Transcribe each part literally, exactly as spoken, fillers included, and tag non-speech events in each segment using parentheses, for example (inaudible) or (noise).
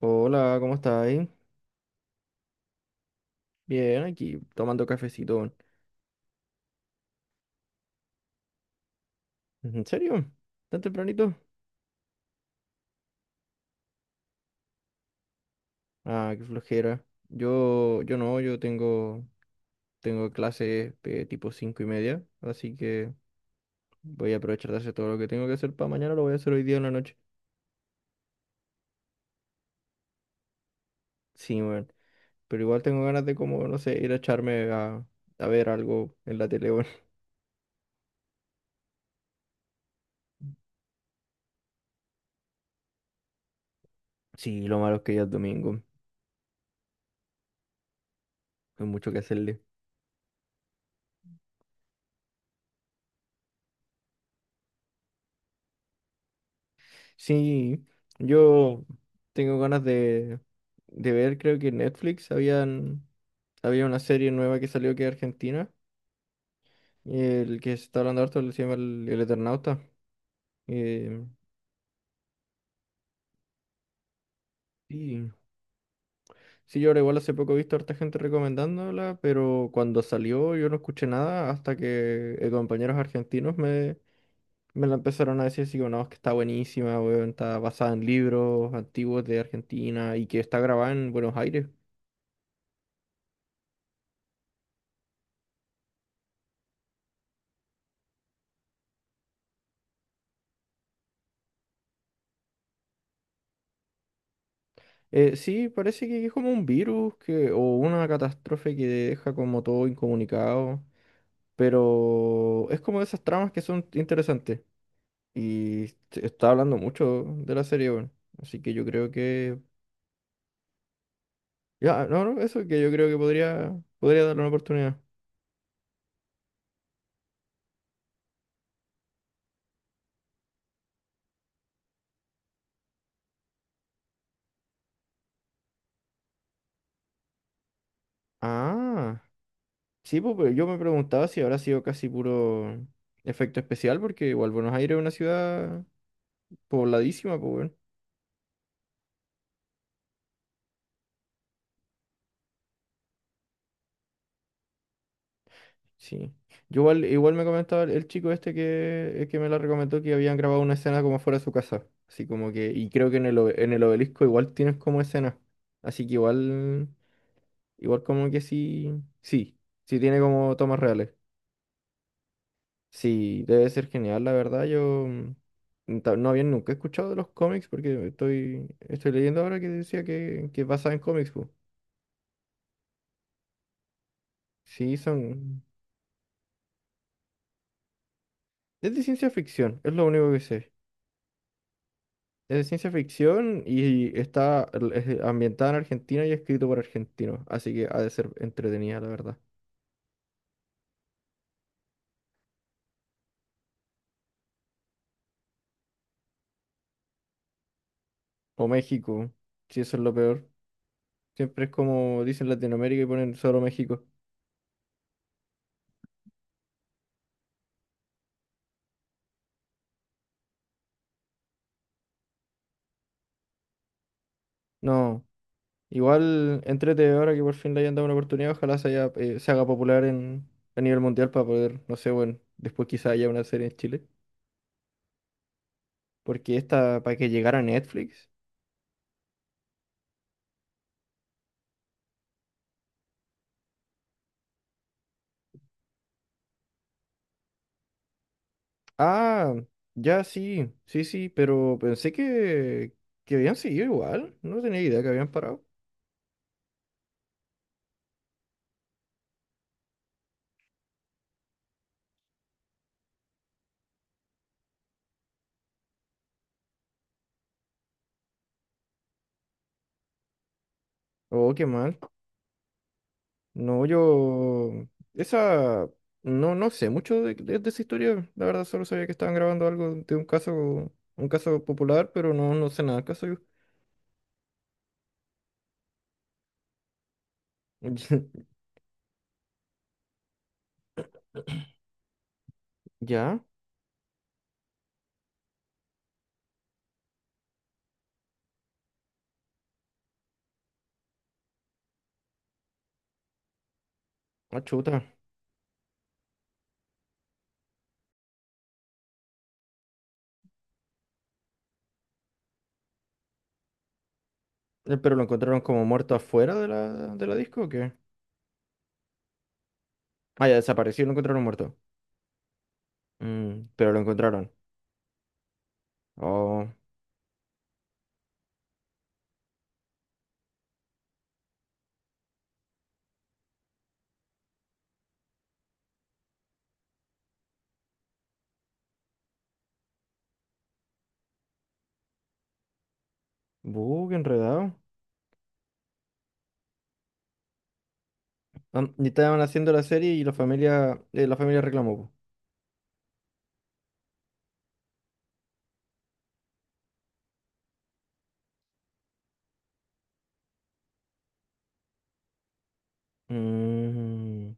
Hola, ¿cómo estáis? Bien, aquí tomando cafecito. ¿En serio? ¿Tan tempranito? Ah, qué flojera. Yo, yo no, yo tengo, tengo clases de tipo cinco y media, así que voy a aprovechar de hacer todo lo que tengo que hacer para mañana, lo voy a hacer hoy día en la noche. Sí, weón. Pero igual tengo ganas de como, no sé, ir a echarme a, a ver algo en la tele, weón. (laughs) Sí, lo malo es que ya es domingo, no hay mucho que hacerle. Sí, yo tengo ganas de, de ver, creo que en Netflix habían, había una serie nueva que salió que es Argentina, el que se está hablando harto se llama El, el Eternauta. Eh, sí, sí, yo ahora igual hace poco he visto harta gente recomendándola, pero cuando salió yo no escuché nada hasta que eh, compañeros argentinos me, me la empezaron a decir así como, no, es que está buenísima, weón, está basada en libros antiguos de Argentina y que está grabada en Buenos Aires. Eh, sí, parece que es como un virus que, o una catástrofe que deja como todo incomunicado, pero es como de esas tramas que son interesantes y se está hablando mucho de la serie. Bueno, así que yo creo que, ya, no, no, eso que yo creo que podría, podría darle una oportunidad. Ah, sí, pues, pero yo me preguntaba si habrá sido casi puro efecto especial, porque igual Buenos Aires es una ciudad pobladísima, pues, bueno. Sí. Yo igual, igual me comentaba el el chico este que, el que me la recomendó que habían grabado una escena como fuera de su casa. Así como que, y creo que en el, obe- en el obelisco igual tienes como escena. Así que igual, igual como que sí, sí, sí tiene como tomas reales. Sí, debe ser genial, la verdad. Yo mm, ta- no había nunca escuchado de los cómics porque estoy, estoy leyendo ahora que decía que, que es basada en cómics, po. Sí, son. Es de ciencia ficción, es lo único que sé. Es ciencia ficción y está el- ambientada en Argentina y escrito por argentinos, así que ha de ser entretenida, la verdad. O México, si eso es lo peor. Siempre es como dicen Latinoamérica y ponen solo México. No, igual entrete ahora que por fin le hayan dado una oportunidad, ojalá se, haya, eh, se haga popular en, a nivel mundial para poder, no sé, bueno, después quizá haya una serie en Chile. Porque esta, para que llegara a Netflix. Ah, ya sí, sí, sí, pero pensé que, que habían seguido igual. No tenía idea que habían parado. Oh, qué mal. No, yo. Esa. No, no sé mucho de, de- de esa historia. La verdad, solo sabía que estaban grabando algo de un caso, un caso popular, pero no, no sé nada del caso yo. (laughs) Ya, ah, chuta. Eh, ¿Pero lo encontraron como muerto afuera de la, de la disco o qué? Ah, ya desapareció y lo encontraron muerto. Mm, pero lo encontraron. Oh, buh, qué enredado. Am- Y estaban haciendo la serie y la familia, eh, la familia reclamó, po. Mm,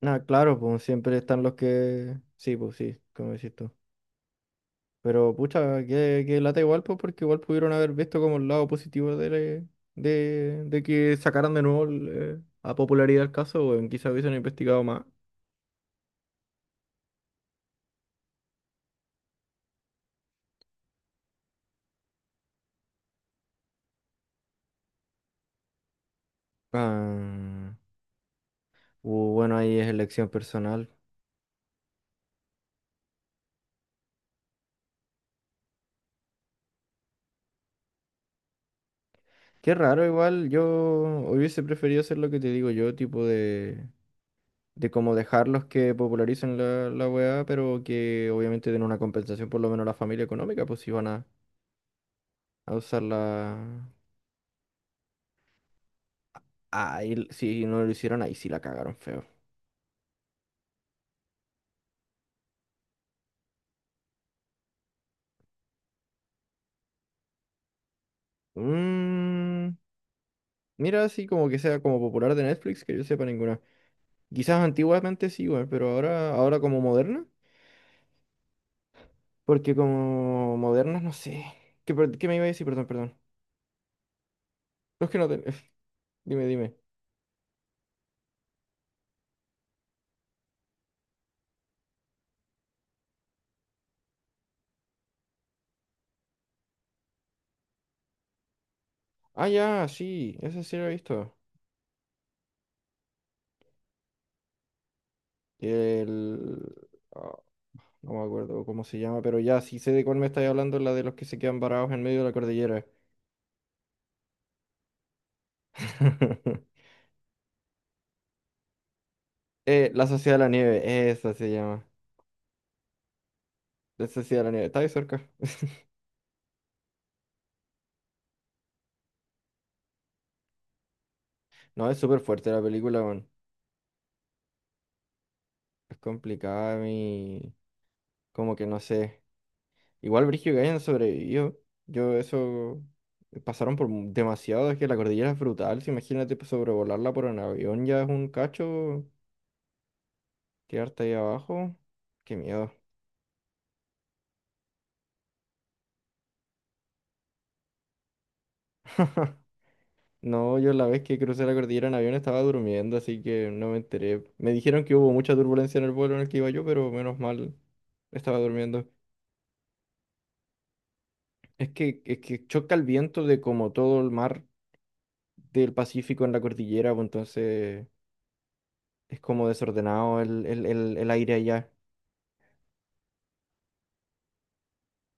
nada, claro, pues siempre están los que. Sí, pues sí, como decís tú. Pero pucha, que, que lata igual, pues porque igual pudieron haber visto como el lado positivo de, la- de, de que sacaran de nuevo el, eh, a popularidad el caso, o quizás hubiesen investigado más. Ah, uh, bueno, ahí es elección personal. Qué raro, igual yo hubiese preferido hacer lo que te digo yo, tipo de... de cómo dejarlos que popularicen la, la weá, pero que obviamente den una compensación por lo menos a la familia económica, pues si van a, a usar la. Ay, si no lo hicieron, ahí sí la cagaron feo. Mm, mira, así como que sea como popular de Netflix, que yo sepa ninguna. Quizás antiguamente sí, weón, pero ahora, ahora como moderna, porque como moderna no sé. ¿Qué, per- qué me iba a decir? Perdón, perdón. No, es que no te- (laughs) Dime, dime. Ah, ya, sí, esa sí la he visto. El. No me acuerdo cómo se llama, pero ya sí sé de cuál me estáis hablando, la de los que se quedan varados en medio de la cordillera. (laughs) Eh, La Sociedad de la Nieve, esa se llama. La Sociedad de la Nieve, está ahí cerca. (laughs) No, es súper fuerte la película, weón. Es complicada, mi. Como que no sé. Igual Brígido que hayan sobrevivido. Yo eso. Pasaron por mu- demasiado, es que la cordillera es brutal. Si imagínate pues, sobrevolarla por un avión, ya es un cacho. Quedarte ahí abajo. Qué miedo. (laughs) No, yo la vez que crucé la cordillera en avión estaba durmiendo, así que no me enteré. Me dijeron que hubo mucha turbulencia en el vuelo en el que iba yo, pero menos mal estaba durmiendo. Es que, es que choca el viento de como todo el mar del Pacífico en la cordillera, pues entonces es como desordenado el, el, el, el aire allá.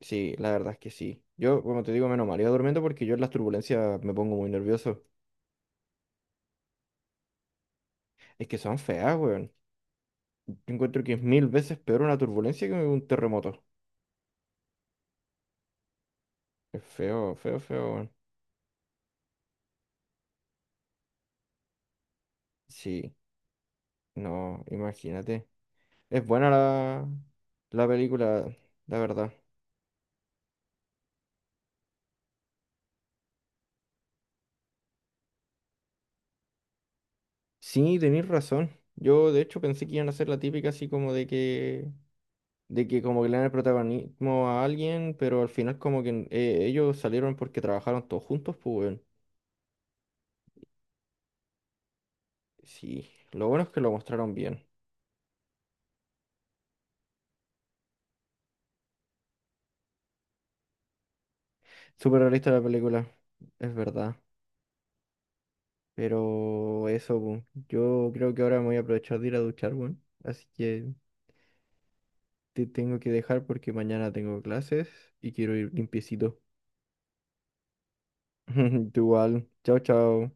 Sí, la verdad es que sí. Yo, como te digo, menos mal iba durmiendo porque yo en las turbulencias me pongo muy nervioso. Es que son feas, weón. Yo encuentro que es mil veces peor una turbulencia que un terremoto. Es feo, feo, feo, weón. Sí. No, imagínate. Es buena la, la película, la verdad. Sí, tenéis razón. Yo de hecho pensé que iban a hacer la típica así como de que, de que como que le dan el protagonismo a alguien, pero al final como que eh, ellos salieron porque trabajaron todos juntos, pues weón. Sí, lo bueno es que lo mostraron bien. Súper realista la película, es verdad. Pero eso, pu, yo creo que ahora me voy a aprovechar de ir a duchar, weón. Así que te tengo que dejar porque mañana tengo clases y quiero ir limpiecito. (laughs) Tú igual. Chao, chao.